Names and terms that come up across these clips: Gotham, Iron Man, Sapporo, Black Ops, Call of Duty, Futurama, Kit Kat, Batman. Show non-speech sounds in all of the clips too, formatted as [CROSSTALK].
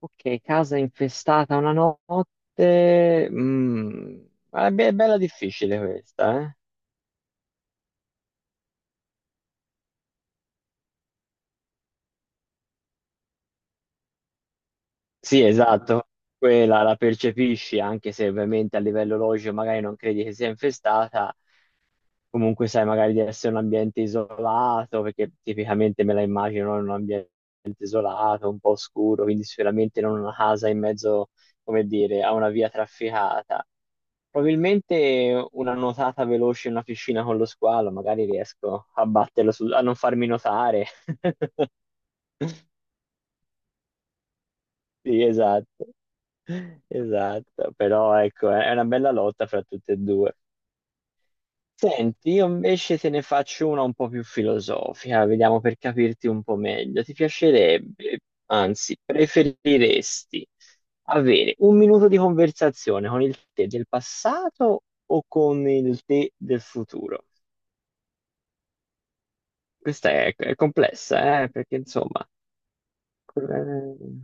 Ok, casa infestata una notte. Ma è bella difficile questa, eh? Sì, esatto. Quella la percepisci, anche se ovviamente a livello logico magari non credi che sia infestata. Comunque sai magari di essere un ambiente isolato, perché tipicamente me la immagino in un ambiente isolato, un po' oscuro, quindi sicuramente non una casa in mezzo, come dire, a una via trafficata. Probabilmente una nuotata veloce in una piscina con lo squalo, magari riesco a batterlo a non farmi notare. [LAUGHS] Sì, esatto. Esatto, però ecco, è una bella lotta fra tutte e due. Senti, io invece te ne faccio una un po' più filosofica, vediamo per capirti un po' meglio. Ti piacerebbe, anzi, preferiresti avere un minuto di conversazione con il te del passato o con il te del futuro? Questa è complessa, perché insomma. eh,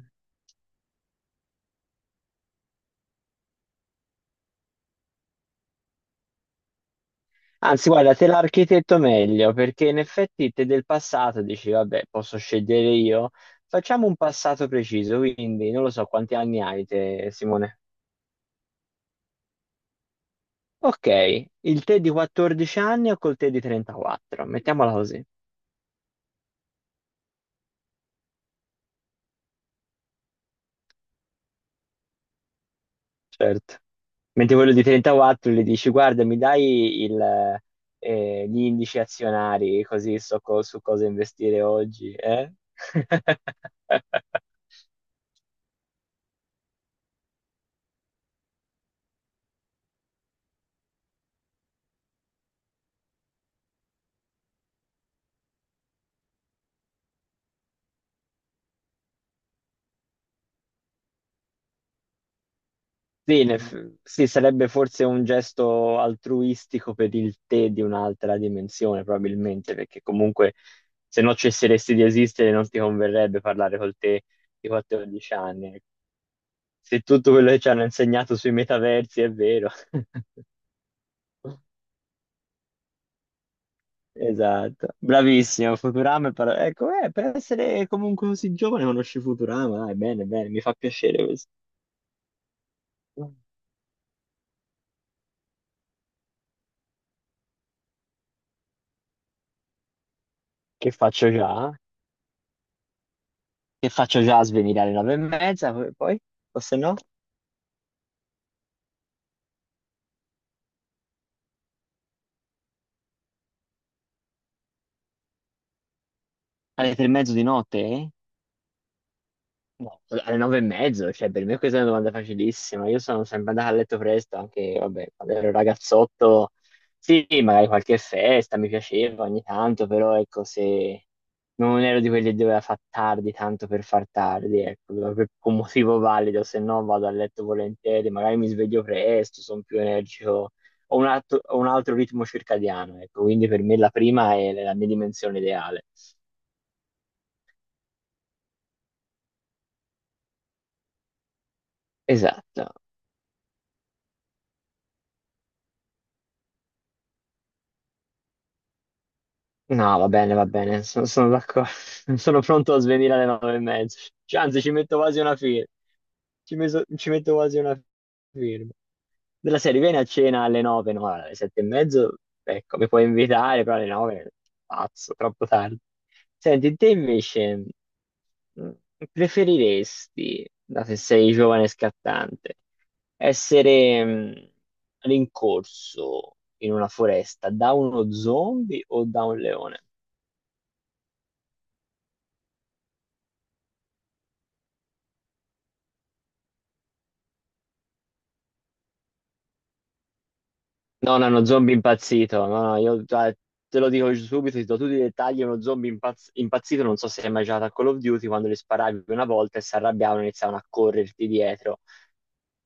Anzi, guarda, te l'architetto meglio, perché in effetti te del passato dici, vabbè, posso scegliere io. Facciamo un passato preciso, quindi non lo so quanti anni hai te, Simone. Ok, il te di 14 anni o col te di 34? Mettiamola così. Certo. Mentre quello di 34 gli dici, guarda, mi dai gli indici azionari, così so su cosa investire oggi, eh? [LAUGHS] Sì, sì, sarebbe forse un gesto altruistico per il te di un'altra dimensione, probabilmente, perché comunque se no cesseresti di esistere non ti converrebbe parlare col te di 14 anni. Se tutto quello che ci hanno insegnato sui metaversi è vero. [LAUGHS] Esatto, bravissimo, Futurama è ecco, per essere comunque così giovane conosci Futurama, dai, bene, bene, mi fa piacere questo. Che faccio già? Che faccio già a svenire alle 9:30, poi? O se no? Alle 3:30 di notte, eh? No, alle 9:30, cioè per me questa è una domanda facilissima. Io sono sempre andato a letto presto, anche vabbè, quando ero ragazzotto, sì, magari qualche festa mi piaceva ogni tanto, però ecco, se non ero di quelli che doveva far tardi tanto per far tardi, ecco, per un motivo valido, se no vado a letto volentieri, magari mi sveglio presto, sono più energico, ho un altro ritmo circadiano, ecco, quindi per me la prima è la mia dimensione ideale. Esatto. No, va bene, sono d'accordo. [LAUGHS] Sono pronto a svenire alle 9:30. Cioè, anzi, ci metto quasi una firma. Ci metto quasi una firma. Della serie, vieni a cena alle nove, no, alle 7:30, ecco, mi puoi invitare, però alle nove, pazzo, troppo tardi. Senti, te invece, mh, preferiresti, dato che sei giovane e scattante, essere rincorso in una foresta da uno zombie o da un leone? No, no, uno zombie impazzito. No, no, io te lo dico subito, ti do tutti i dettagli. È uno zombie impazzito, non so se hai mai giocato a Call of Duty, quando li sparavi una volta e si arrabbiavano e iniziavano a correrti dietro.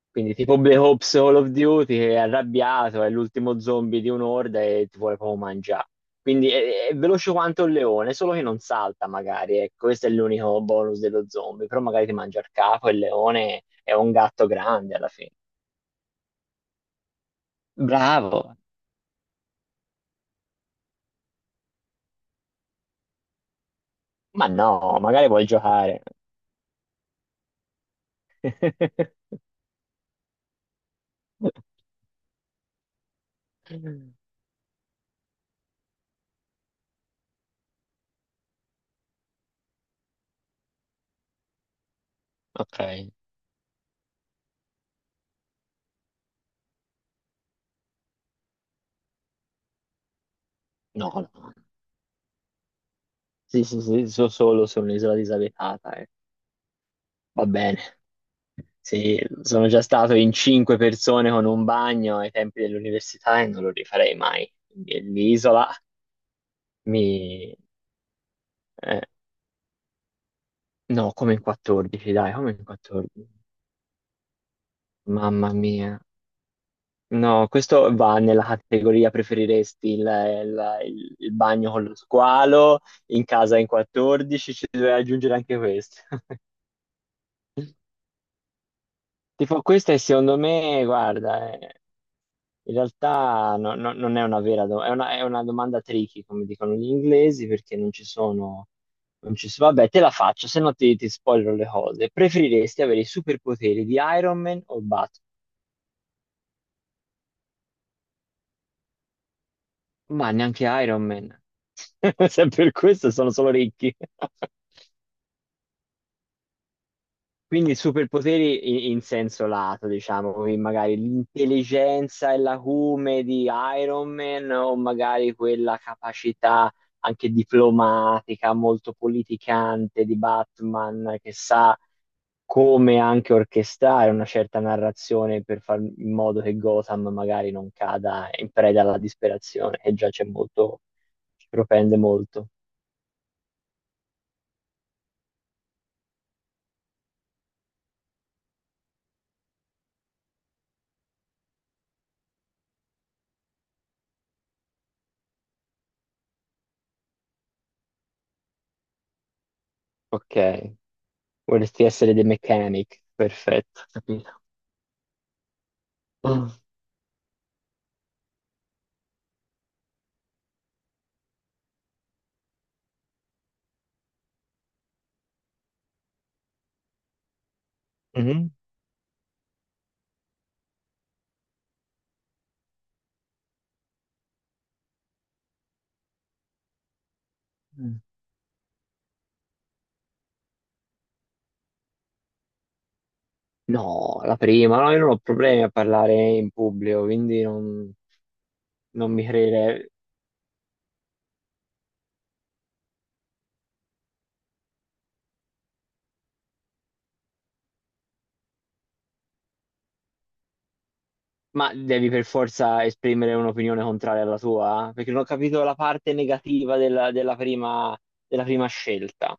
Quindi tipo Black Ops Call of Duty che è arrabbiato, è l'ultimo zombie di un'orda e ti vuole proprio mangiare. Quindi è veloce quanto un leone, solo che non salta magari, ecco, questo è l'unico bonus dello zombie, però magari ti mangia il capo e il leone è un gatto grande alla fine. Bravo! Ma no, magari vuoi giocare. [LAUGHS] Ok, no, no. Sì, sì, sì, so solo su un'isola disabitata. Eh. Va bene. Sì, sono già stato in cinque persone con un bagno ai tempi dell'università e non lo rifarei mai. Quindi l'isola mi. eh, no, come in 14, dai, come in 14. Mamma mia. No, questo va nella categoria preferiresti il bagno con lo squalo, in casa in 14, ci deve aggiungere anche questo. [LAUGHS] Tipo, questa è secondo me, guarda, in realtà non è una vera domanda, è una domanda tricky, come dicono gli inglesi, perché non ci sono- Vabbè, te la faccio, se no ti spoilerò le cose. Preferiresti avere i superpoteri di Iron Man o Batman? Ma neanche Iron Man. [LAUGHS] Se per questo sono solo ricchi. Quindi superpoteri in senso lato, diciamo, quindi magari l'intelligenza e l'acume di Iron Man o magari quella capacità anche diplomatica, molto politicante di Batman che sa come anche orchestrare una certa narrazione per fare in modo che Gotham magari non cada in preda alla disperazione, che già c'è molto, ci propende molto. Ok, vorresti essere The Mechanic, perfetto, capito. Mhm. Mm. No, la prima, no, io non ho problemi a parlare in pubblico, quindi non mi crede. Ma devi per forza esprimere un'opinione contraria alla tua? Eh? Perché non ho capito la parte negativa della prima scelta.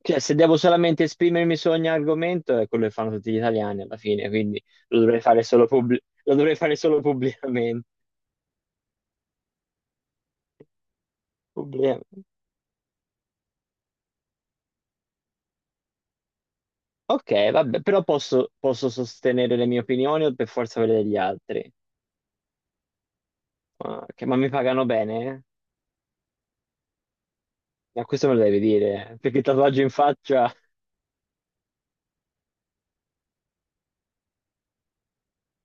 Cioè, se devo solamente esprimermi su ogni argomento, è quello che fanno tutti gli italiani alla fine, quindi lo dovrei fare solo pubblicamente. Pubblicamente. Ok, vabbè, però posso sostenere le mie opinioni o per forza quelle degli altri? Ma, mi pagano bene? Ma questo me lo devi dire, perché il tatuaggio in faccia,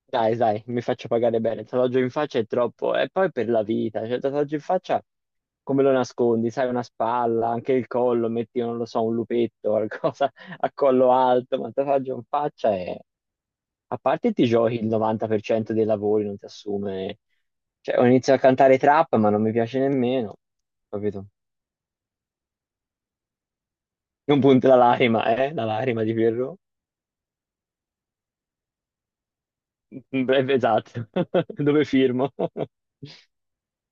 dai, dai, mi faccio pagare bene. Il tatuaggio in faccia è troppo, e poi per la vita, cioè il tatuaggio in faccia come lo nascondi? Sai, una spalla, anche il collo, metti, non lo so, un lupetto, [LAUGHS] qualcosa a collo alto, ma il tatuaggio in faccia è. A parte ti giochi il 90% dei lavori, non ti assume. Cioè, ho iniziato a cantare trap, ma non mi piace nemmeno, capito? Non punta la lacrima di Pierrot. Beh, esatto, [LAUGHS] dove firmo? [LAUGHS]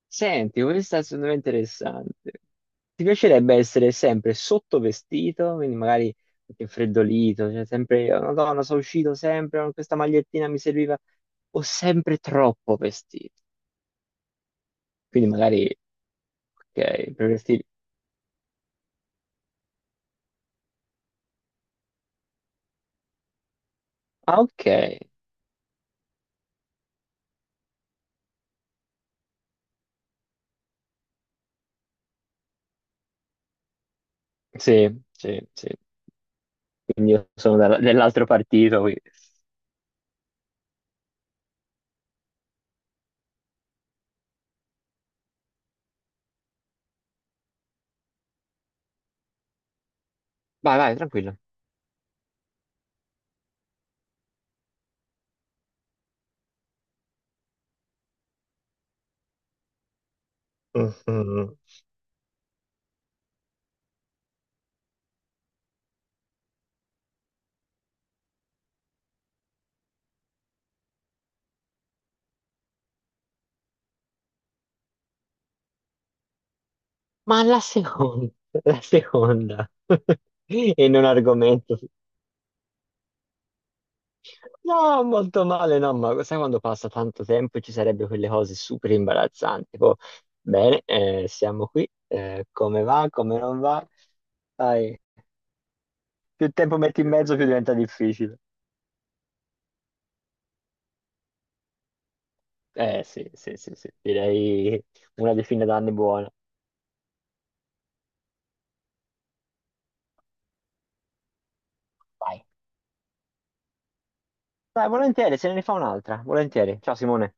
Senti, questa è secondo me interessante. Ti piacerebbe essere sempre sottovestito, quindi magari anche freddolito, cioè sempre, "Oh, Madonna, sono uscito sempre, oh, questa magliettina mi serviva, o sempre troppo vestito. Quindi magari, ok, per vestire. Ah, ok, sì, sì, sì, quindi io sono dell'altro partito, quindi. Vai, vai, tranquillo. Mhm. Ma la seconda, [LAUGHS] e non argomento. No, molto male, no, ma sai quando passa tanto tempo e ci sarebbero quelle cose super imbarazzanti. Tipo, bene, siamo qui, come va, come non va. Dai, più tempo metti in mezzo, più diventa difficile. Eh sì, sì, sì, sì, direi una decina d'anni buona. Vai. Dai, volentieri, se ne rifà un'altra, volentieri. Ciao Simone.